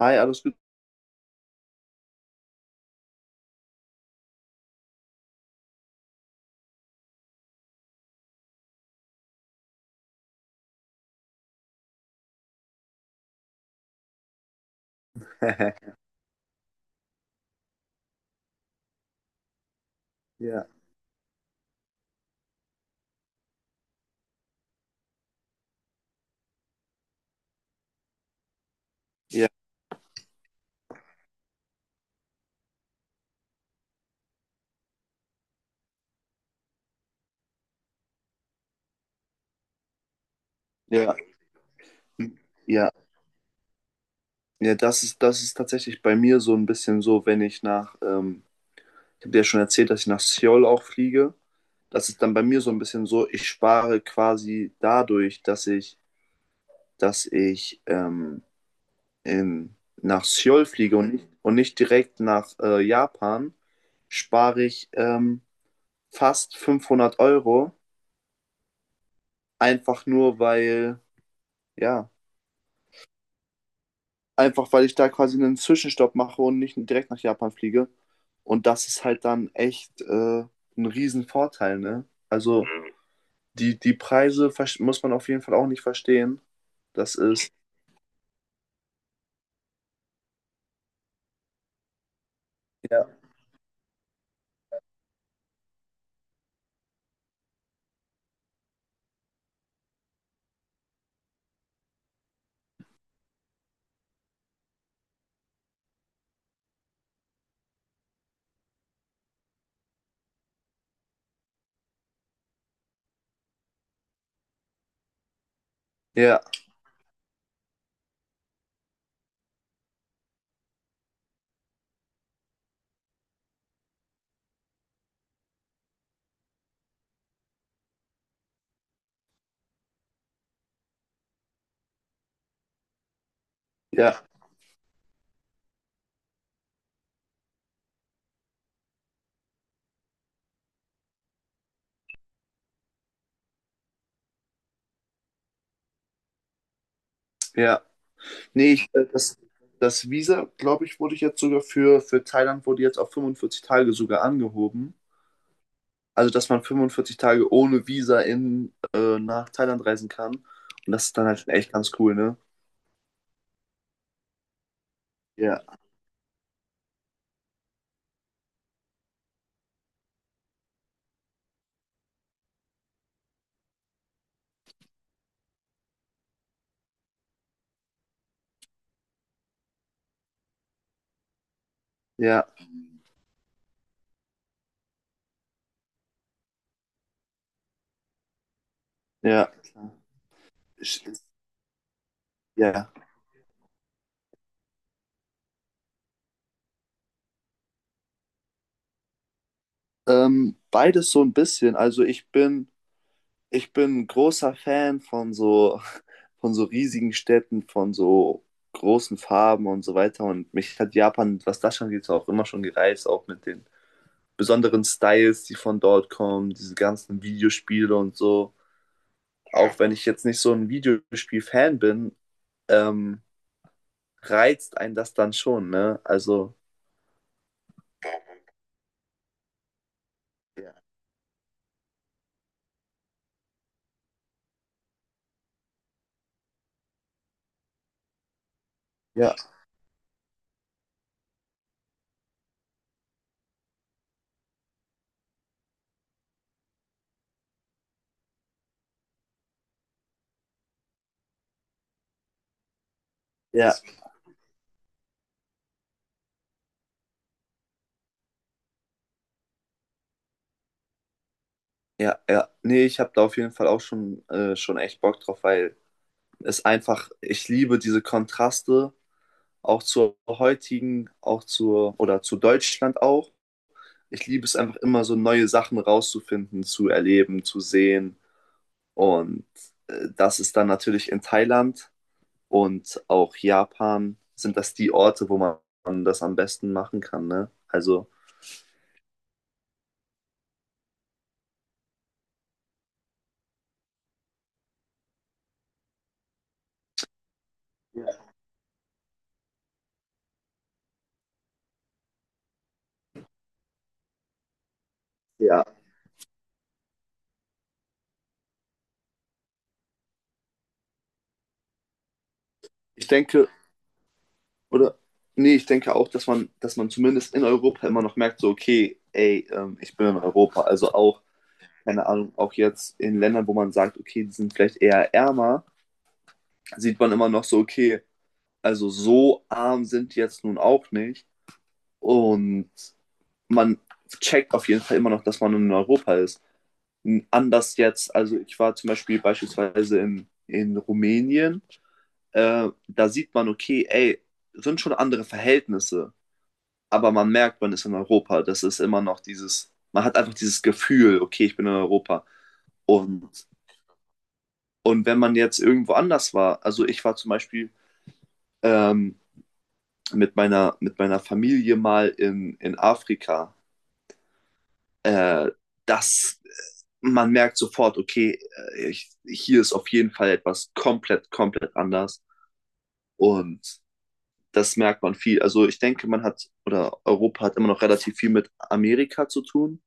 Hi, alles gut? Ja, ja, ja, ja, ja, das ist tatsächlich bei mir so ein bisschen so. Wenn ich nach, Ich habe dir ja schon erzählt, dass ich nach Seoul auch fliege. Das ist dann bei mir so ein bisschen so, ich spare quasi dadurch, dass ich, dass ich ähm, in, nach Seoul fliege und nicht direkt nach Japan, spare ich fast 500 Euro, einfach nur weil, ja. Einfach weil ich da quasi einen Zwischenstopp mache und nicht direkt nach Japan fliege. Und das ist halt dann echt ein Riesenvorteil, ne? Also die Preise muss man auf jeden Fall auch nicht verstehen. Das ist, ja, ja, ja, ja. Nee, das Visa, glaube ich, wurde jetzt sogar für Thailand wurde jetzt auf 45 Tage sogar angehoben. Also, dass man 45 Tage ohne Visa nach Thailand reisen kann. Und das ist dann halt schon echt ganz cool, ne? Ja, ja, ja. Ich- Ja. Beides so ein bisschen. Also ich bin großer Fan von so, von so riesigen Städten, von so großen Farben und so weiter. Und mich hat Japan, was das schon geht, auch immer schon gereizt, auch mit den besonderen Styles, die von dort kommen, diese ganzen Videospiele und so. Auch wenn ich jetzt nicht so ein Videospiel-Fan bin, ähm, reizt einen das dann schon, ne? Also, ja, ja. Ja, ja. Nee, ich habe da auf jeden Fall auch schon, schon echt Bock drauf, weil es einfach, ich liebe diese Kontraste, auch zur heutigen, auch zur, oder zu Deutschland auch. Ich liebe es einfach immer so neue Sachen rauszufinden, zu erleben, zu sehen. Und das ist dann natürlich in Thailand und auch Japan sind das die Orte, wo man das am besten machen kann, ne? Also, ja. Ja. Ich denke, Oder, nee, ich denke auch, dass man zumindest in Europa immer noch merkt, so, okay, ey, ich bin in Europa. Also auch, keine Ahnung, auch jetzt in Ländern, wo man sagt, okay, die sind vielleicht eher ärmer, sieht man immer noch so, okay, also so arm sind die jetzt nun auch nicht. Und man checkt auf jeden Fall immer noch, dass man in Europa ist. Anders jetzt, also ich war zum Beispiel beispielsweise in Rumänien, da sieht man, okay, ey, sind schon andere Verhältnisse. Aber man merkt, man ist in Europa. Das ist immer noch dieses, man hat einfach dieses Gefühl, okay, ich bin in Europa. Und, und wenn man jetzt irgendwo anders war, also ich war zum Beispiel ähm, mit meiner Familie mal in Afrika, äh, das, man merkt sofort, okay, hier ist auf jeden Fall etwas komplett, komplett anders. Und das merkt man viel. Also ich denke, man hat, oder Europa hat immer noch relativ viel mit Amerika zu tun,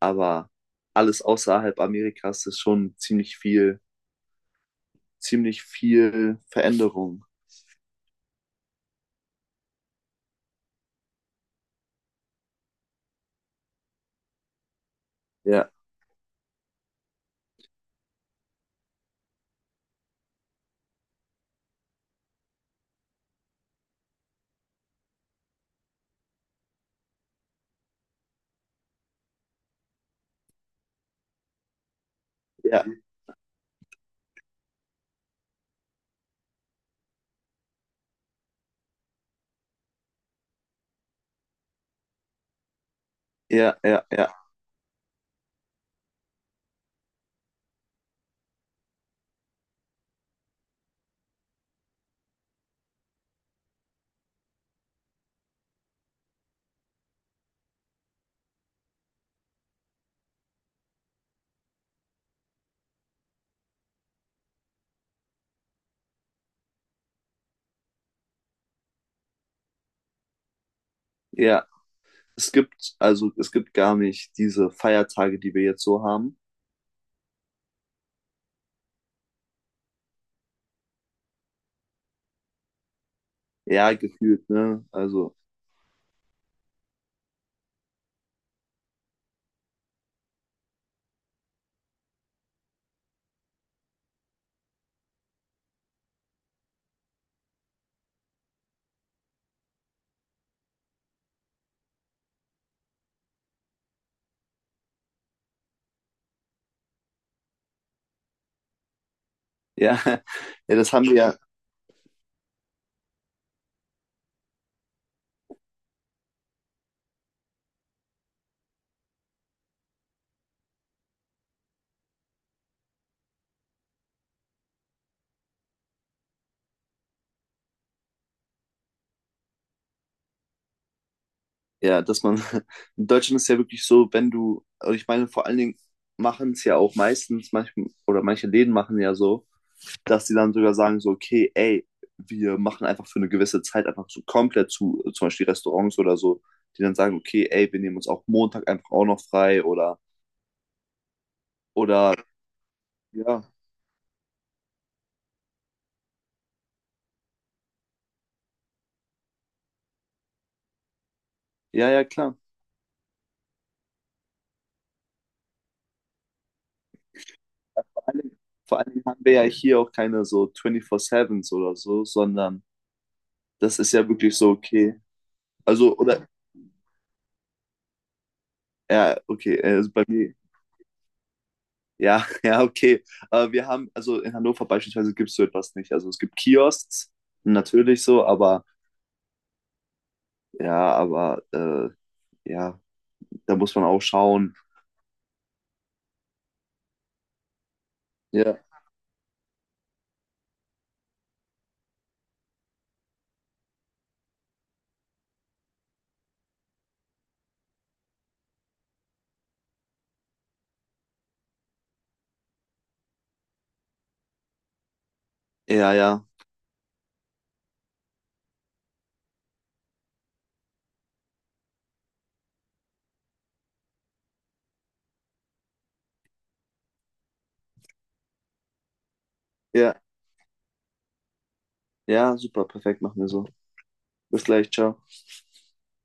aber alles außerhalb Amerikas ist schon ziemlich viel Veränderung. Ja, ja, ja, ja, ja, ja. Also es gibt gar nicht diese Feiertage, die wir jetzt so haben. Ja, gefühlt, ne? Also, ja, ja, das haben wir ja, ja, in Deutschland ist ja wirklich so, wenn du, also ich meine, vor allen Dingen machen es ja auch meistens, manchmal, oder manche Läden machen ja so, dass sie dann sogar sagen, so, okay, ey, wir machen einfach für eine gewisse Zeit einfach so komplett zu, zum Beispiel Restaurants oder so, die dann sagen, okay, ey, wir nehmen uns auch Montag einfach auch noch frei oder, oder, ja, ja, ja, klar. Vor allen Dingen, vor allen Dingen haben wir ja hier auch keine so 24-7s oder so, sondern das ist ja wirklich so, okay. Also, oder, ja, okay, also bei mir, ja, ja, okay. Wir haben, also in Hannover beispielsweise gibt es so etwas nicht. Also es gibt Kiosks, natürlich so, aber ja, da muss man auch schauen. Ja, ja, ja, ja, ja, super, perfekt, machen wir so. Bis gleich, ciao.